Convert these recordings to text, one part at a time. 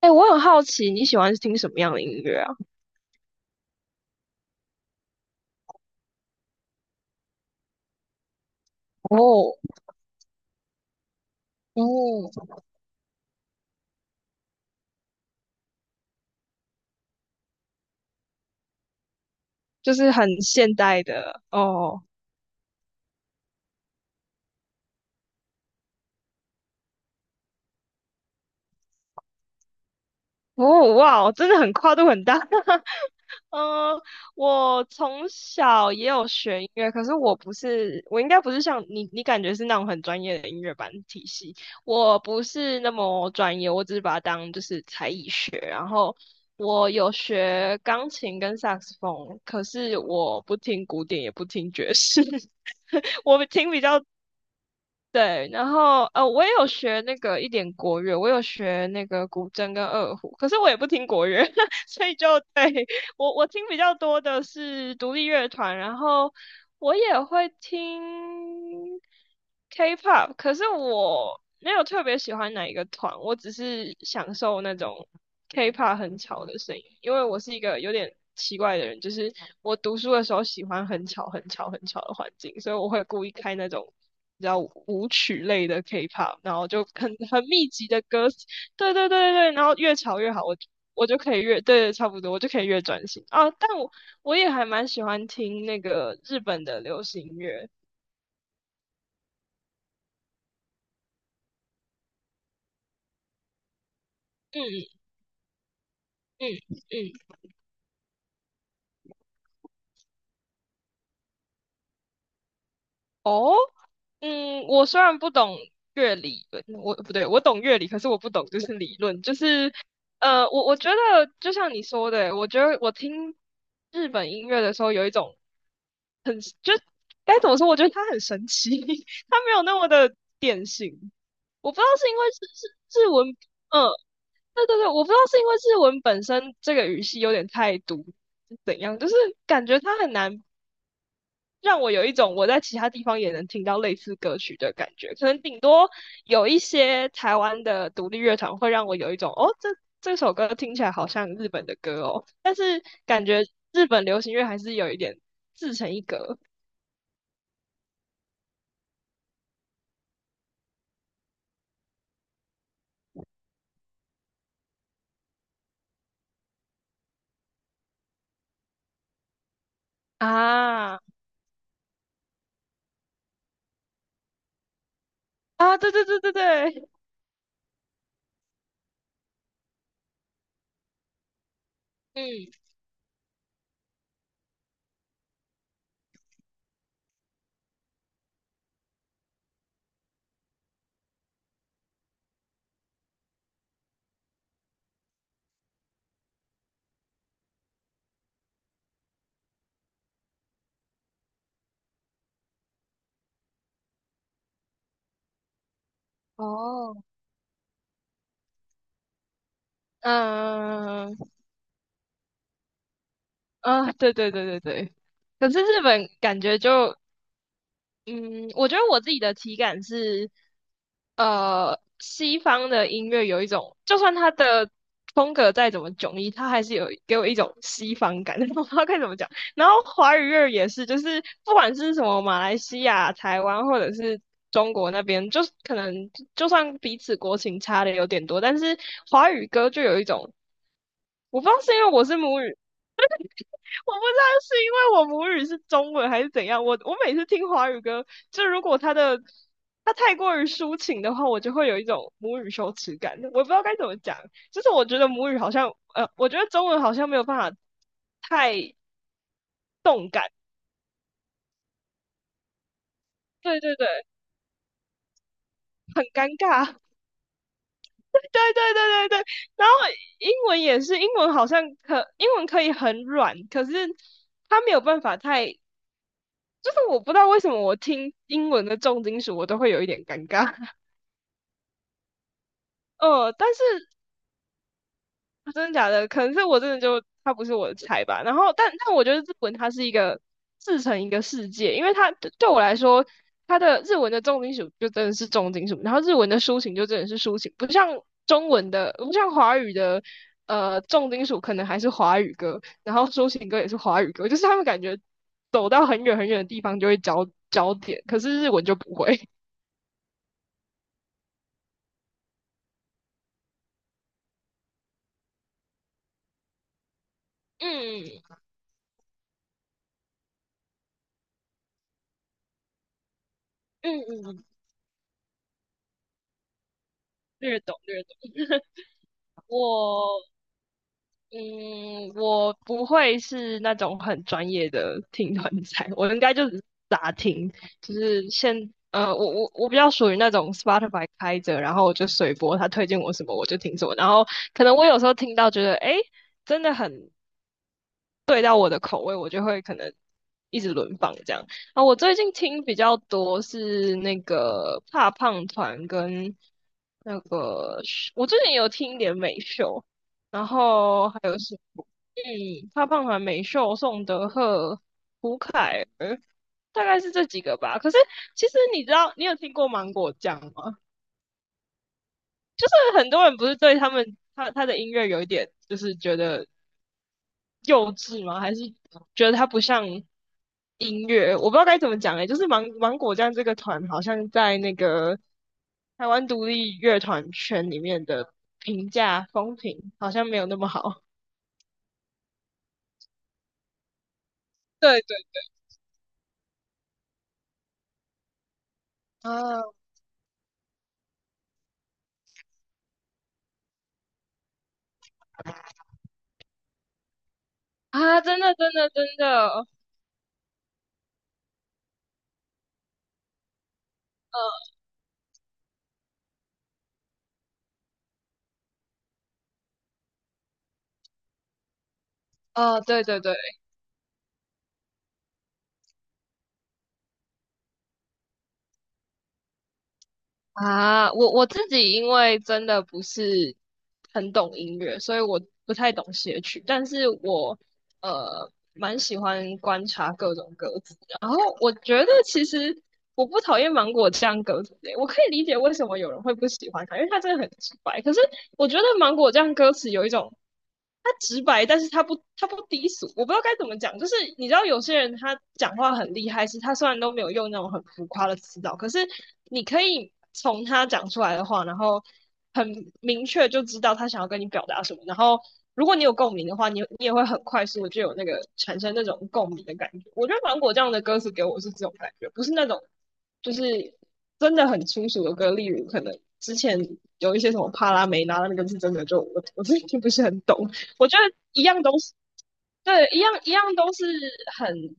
哎，我很好奇你喜欢听什么样的音乐啊？哦哦，就是很现代的哦。哦哇，真的很跨度很大。嗯，我从小也有学音乐，可是我不是，我应该不是像你，你感觉是那种很专业的音乐班体系，我不是那么专业，我只是把它当就是才艺学，然后。我有学钢琴跟萨克斯风，可是我不听古典，也不听爵士。我听比较对，然后我也有学那个一点国乐，我有学那个古筝跟二胡，可是我也不听国乐，所以就对 我听比较多的是独立乐团，然后我也会听 K-pop,可是我没有特别喜欢哪一个团，我只是享受那种 K-pop 很吵的声音，因为我是一个有点奇怪的人，就是我读书的时候喜欢很吵、很吵、很吵的环境，所以我会故意开那种。比较舞曲类的 K-pop,然后就很密集的歌词，对对对对对，然后越吵越好，我就可以越对，差不多，我就可以越专心啊。但我也还蛮喜欢听那个日本的流行乐。嗯嗯嗯，哦，嗯，我虽然不懂乐理论，我不对，我懂乐理，可是我不懂就是理论，就是我觉得就像你说的，我觉得我听日本音乐的时候有一种很就该怎么说，我觉得它很神奇，它没有那么的典型。我不知道是因为是日文，嗯对对对，我不知道是因为日文本身这个语系有点太独，是怎样，就是感觉它很难让我有一种我在其他地方也能听到类似歌曲的感觉。可能顶多有一些台湾的独立乐团会让我有一种哦，这首歌听起来好像日本的歌哦，但是感觉日本流行乐还是有一点自成一格啊啊，对对对对对，嗯，哦，嗯嗯啊，对对对对对。可是日本感觉就嗯，我觉得我自己的体感是，西方的音乐有一种，就算它的风格再怎么迥异，它还是有给我一种西方感，我不知道该怎么讲。然后华语乐也是，就是不管是什么马来西亚、台湾或者是中国那边，就是可能就算彼此国情差的有点多，但是华语歌就有一种，我不知道是因为我是母语我不知道是因为我母语是中文还是怎样，我每次听华语歌，就如果他太过于抒情的话，我就会有一种母语羞耻感，我不知道该怎么讲，就是我觉得母语好像，我觉得中文好像没有办法太动感，对对对，很尴尬，对对对对对，然后英文也是，英文好像英文可以很软，可是它没有办法太，就是我不知道为什么我听英文的重金属我都会有一点尴尬。但是真的假的，可能是我真的就他不是我的菜吧。然后，但我觉得日文它是一个自成一个世界，因为它对我来说，它的日文的重金属就真的是重金属，然后日文的抒情就真的是抒情，不像中文的，不像华语的，重金属可能还是华语歌，然后抒情歌也是华语歌，就是他们感觉走到很远很远的地方就会焦点，可是日文就不会。嗯嗯嗯，略懂略懂。我嗯，我不会是那种很专业的听团仔，我应该就只是杂听，就是先我比较属于那种 Spotify 开着，然后我就随播，他推荐我什么我就听什么，然后可能我有时候听到觉得诶真的很对到我的口味，我就会可能一直轮放这样。啊，我最近听比较多是那个怕胖团跟那个我最近有听一点美秀，然后还有是怕胖团、美秀、宋德赫、胡凯儿，大概是这几个吧。可是其实你知道，你有听过芒果酱吗？就是很多人不是对他们他的音乐有一点，就是觉得幼稚吗？还是觉得它不像音乐？我不知道该怎么讲诶、就是芒果酱这个团好像在那个台湾独立乐团圈里面的评价风评好像没有那么好。对对啊啊，真的真的真的，对对对啊，我自己因为真的不是很懂音乐，所以我不太懂写曲，但是我蛮喜欢观察各种鸽子。然后我觉得其实我不讨厌芒果酱鸽子诶，我可以理解为什么有人会不喜欢它，因为它真的很直白。可是我觉得芒果酱歌词有一种，它直白，但是它不低俗。我不知道该怎么讲，就是你知道有些人他讲话很厉害，是他虽然都没有用那种很浮夸的词藻，可是你可以从他讲出来的话，然后。很明确就知道他想要跟你表达什么，然后如果你有共鸣的话，你也会很快速的就有那个产生那种共鸣的感觉。我觉得芒果酱的歌词给我是这种感觉，不是那种就是真的很粗俗的歌，例如可能之前有一些什么帕拉梅拉那个是真的就我己听不是很懂，我觉得一样都是对一样都是很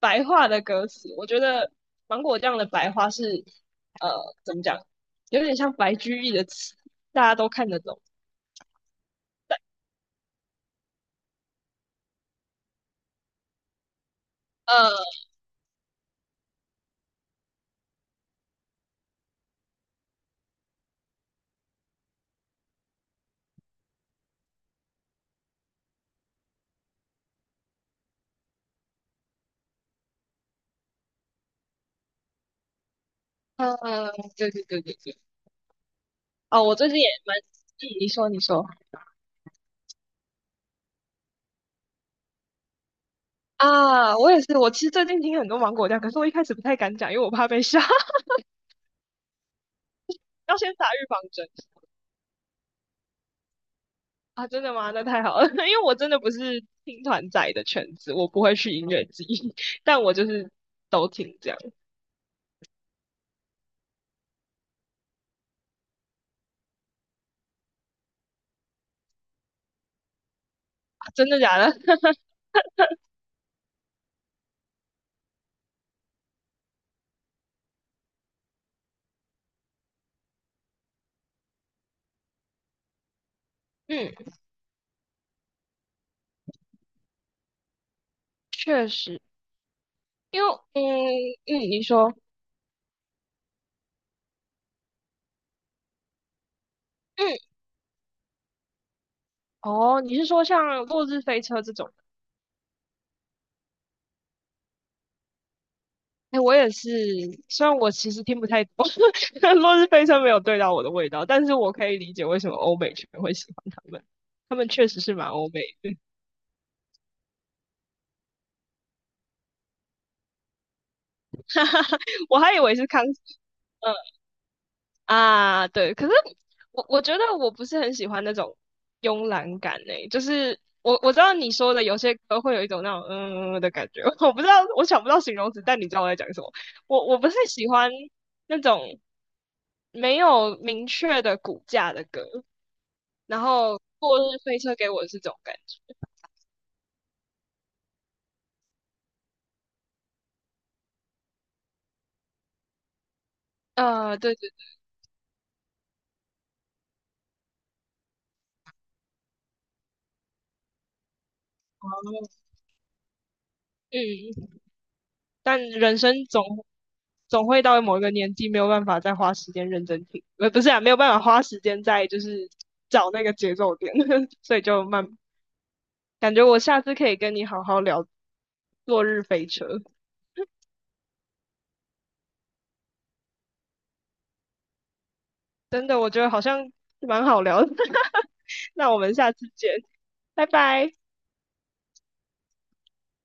白话的歌词，我觉得芒果酱的白话是呃怎么讲？有点像白居易的词，大家都看得懂。呃对对对对对。哦，我最近也蛮，你说啊，我也是，我其实最近听很多芒果酱，可是我一开始不太敢讲，因为我怕被吓，要先打预防针啊。真的吗？那太好了，因为我真的不是听团仔的圈子，我不会去音乐季，但我就是都听这样。啊真的假的？嗯，确实，因为你说嗯哦，你是说像《落日飞车》这种哎，我也是，虽然我其实听不太懂，《落日飞车》没有对到我的味道，但是我可以理解为什么欧美圈会喜欢他们，他们确实是蛮欧美的。我还以为是康，嗯啊，对，可是我觉得我不是很喜欢那种慵懒感诶、就是我知道你说的有些歌会有一种那种嗯嗯嗯的感觉，我不知道我想不到形容词，但你知道我在讲什么。我不是喜欢那种没有明确的骨架的歌，然后落日飞车给我的是这种感觉。对对对，嗯，嗯但人生总会到某一个年纪，没有办法再花时间认真听，不是啊，没有办法花时间再，就是找那个节奏点，所以就慢。感觉我下次可以跟你好好聊落日飞车，真的，我觉得好像蛮好聊的。那我们下次见，拜拜。